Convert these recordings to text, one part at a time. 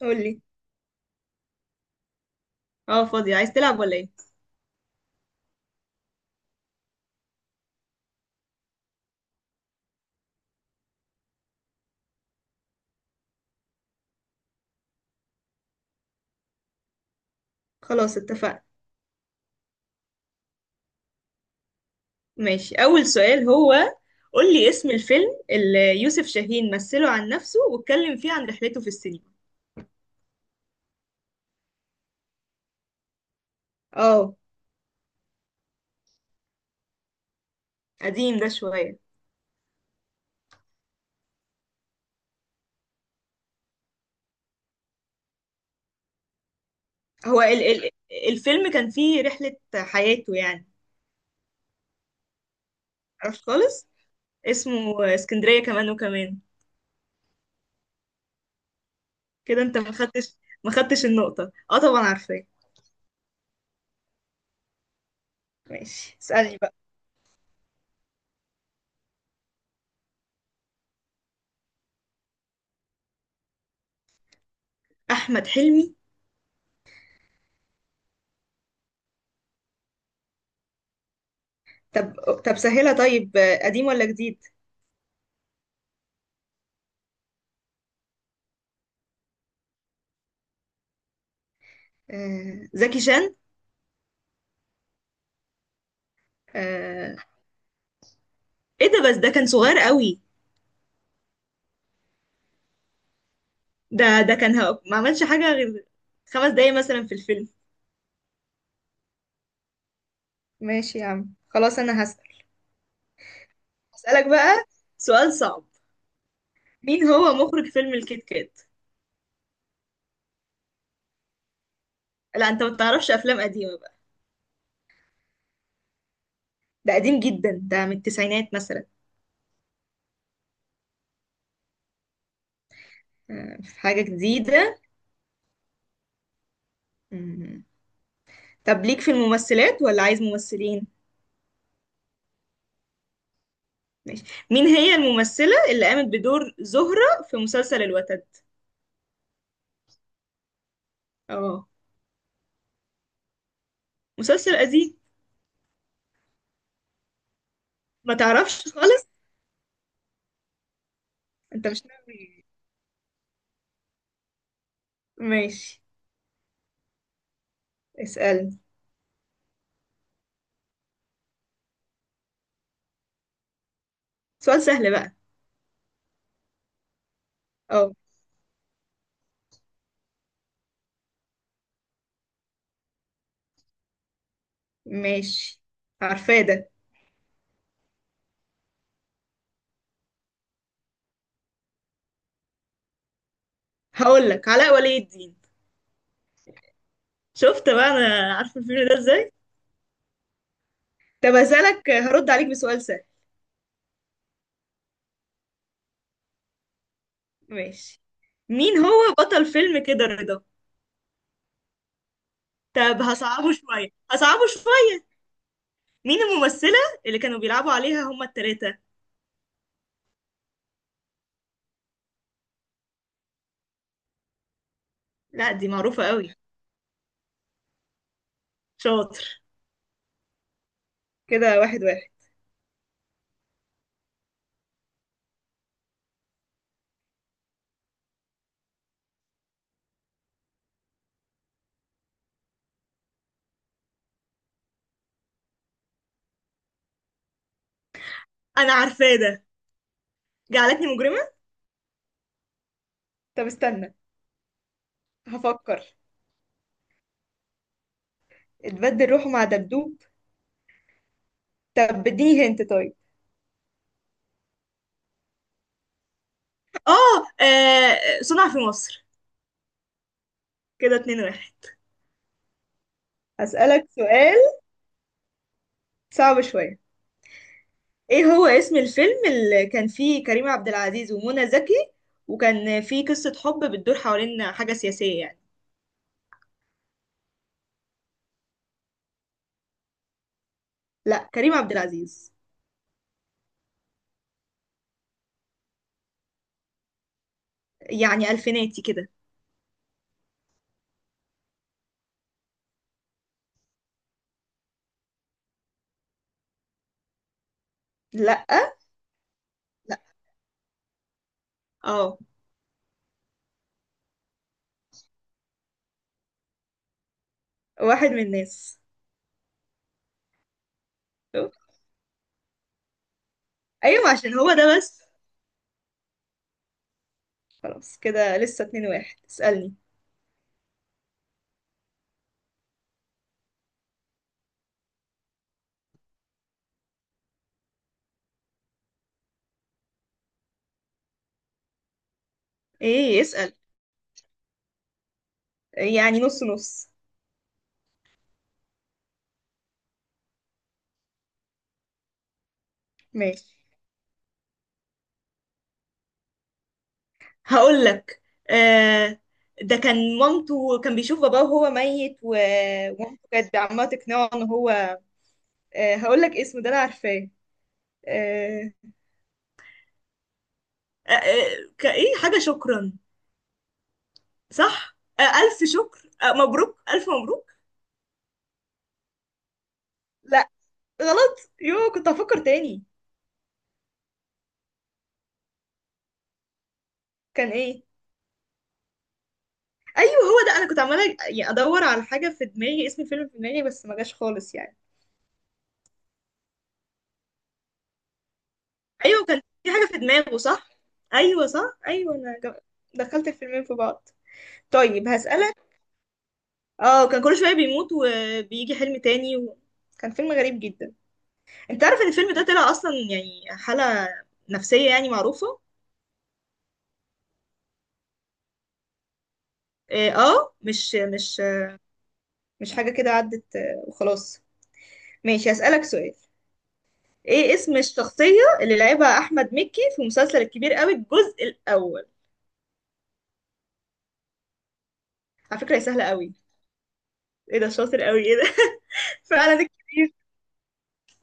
قولي. اه، فاضية عايز تلعب ولا ايه؟ خلاص اتفقنا. ماشي، اول سؤال هو، قولي اسم الفيلم اللي يوسف شاهين مثله عن نفسه واتكلم فيه عن رحلته في السينما. اه. قديم ده شوية. هو ال الفيلم كان فيه رحلة حياته يعني. عرفت خالص. اسمه اسكندرية كمان وكمان. كده انت ما خدتش، ما خدتش النقطة. اه طبعا عارفاه. ماشي، اسألني بقى. احمد حلمي. طب طب سهلها طيب. قديم ولا جديد؟ آه زكي شان. آه، ايه ده؟ بس ده كان صغير قوي. ده كان ما عملش حاجة غير 5 دقايق مثلا في الفيلم. ماشي يا عم، خلاص انا هسأل. هسألك بقى سؤال صعب. مين هو مخرج فيلم الكيت كات؟ لا انت ما بتعرفش افلام قديمة بقى. ده قديم جدا، ده من التسعينات مثلا. آه، في حاجة جديدة. مم. طب ليك في الممثلات ولا عايز ممثلين؟ ماشي. مين هي الممثلة اللي قامت بدور زهرة في مسلسل الوتد؟ اه، مسلسل قديم. ما تعرفش خالص. انت مش. ماشي، اسألني. سؤال سهل بقى. اه ماشي، عارفاه ده. هقول لك علاء ولي الدين. شفت بقى، انا عارفه الفيلم ده ازاي. طب هسألك، هرد عليك بسؤال سهل. ماشي. مين هو بطل فيلم كده رضا؟ طب هصعبه شويه هصعبه شويه. مين الممثله اللي كانوا بيلعبوا عليها هما التلاتة؟ لا دي معروفه قوي. شاطر. كده واحد واحد. انا عارفاه ده، جعلتني مجرمه. طب استنى، هفكر. اتبدل روحه مع دبدوب. طب اديني هنت طيب. اه آه، صنع في مصر. كده 2-1. هسألك سؤال صعب شوية. ايه هو اسم الفيلم اللي كان فيه كريم عبد العزيز ومنى زكي، وكان فيه قصة حب بتدور حوالين حاجة سياسية يعني؟ لا كريم عبد العزيز. يعني ألفيناتي كده. لأ. لأ. اه. واحد من الناس. شوف. ايوه عشان هو ده بس. خلاص كده لسه 2-1، اسألني. ايه اسأل؟ يعني نص نص. ماشي. هقول لك. آه. ده كان مامته، كان بيشوف باباه وهو ميت ومامته كانت عماله تقنعه ان هو. آه هقول لك اسمه، ده انا عارفاه. آه آه، كايه حاجه شكرا. صح، آه الف شكر، آه مبروك الف مبروك. لا. غلط، يو كنت هفكر تاني. كان ايه؟ ايوه هو ده، انا كنت عماله يعني ادور على حاجه في دماغي، اسم الفيلم في دماغي بس ما جاش خالص يعني. ايوه، كان في حاجه في دماغه صح. ايوه صح، ايوه انا دخلت الفيلمين في بعض. طيب هسألك. اه، كان كل شوية بيموت وبيجي حلم تاني. و... كان فيلم غريب جدا. انت عارف ان الفيلم ده طلع اصلا يعني حالة نفسية يعني معروفة. اه آه، مش حاجة كده، عدت آه، وخلاص. ماشي هسألك سؤال. ايه اسم الشخصية اللي لعبها احمد مكي في مسلسل الكبير قوي الجزء الاول؟ على فكرة هي سهلة قوي. ايه ده، شاطر قوي، ايه ده فعلا الكبير.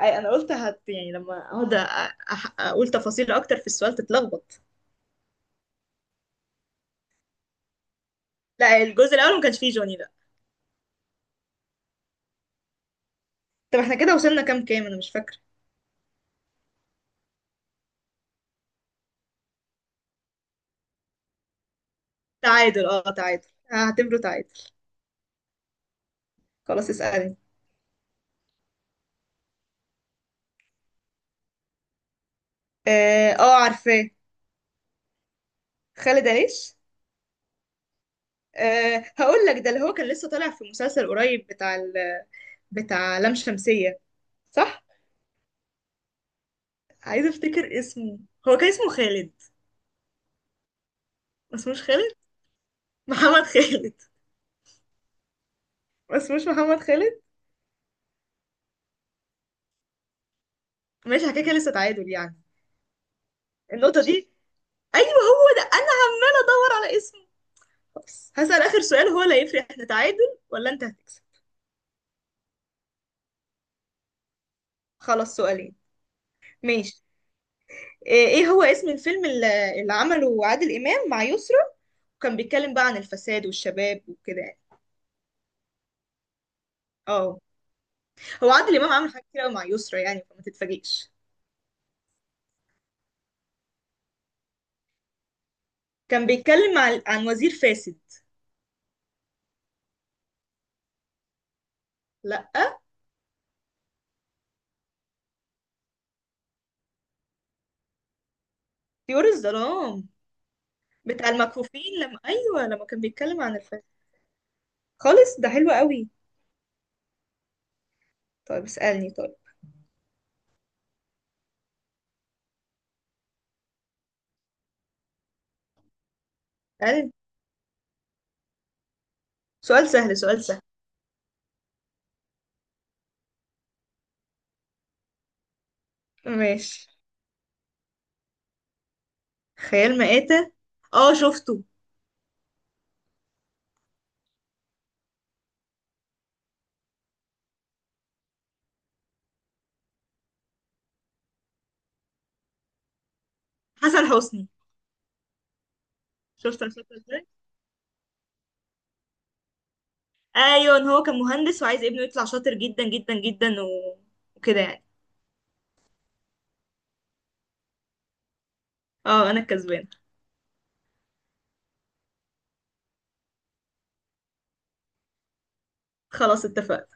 أي، انا قلت هت يعني لما اقعد اقول تفاصيل اكتر في السؤال تتلخبط. لا الجزء الاول ما كانش فيه جوني. طب احنا كده وصلنا كام كام، انا مش فاكره. تعادل، اه تعادل، هعتبره تعادل. خلاص اسألني. اه آه، عارفاه. خالد عيش. أه هقول لك، ده اللي هو كان لسه طالع في مسلسل قريب بتاع ال، بتاع لام شمسية. صح. عايزه افتكر اسمه. هو كان اسمه خالد. ما اسموش خالد محمد خالد. ما اسموش محمد خالد. ماشي على كده، كده لسه تعادل يعني. النقطة دي. ايوه هو ده انا ادور على اسمه. خلاص هسأل اخر سؤال، هو اللي هيفرق احنا تعادل ولا انت هتكسب. خلاص سؤالين. ماشي. آه، ايه هو اسم الفيلم اللي عمله عادل امام مع يسرا، وكان بيتكلم بقى عن الفساد والشباب وكده يعني؟ اه. هو عادل امام عمل حاجات كتير قوي مع يسرا يعني، فما تتفاجئش. كان بيتكلم عن وزير فاسد. لا. طيور الظلام، بتاع المكفوفين لما، ايوه لما كان بيتكلم عن الفساد. خالص، ده حلو قوي. طيب اسالني طيب. اسالني سؤال سهل سؤال سهل. ماشي خيال مآتة. اه شفته. حسن حسني. شفت الفيلم ده؟ ايوه، إن هو كان مهندس وعايز ابنه يطلع شاطر جدا جدا جدا و... وكده يعني. اه انا الكسبانه. خلاص اتفقنا.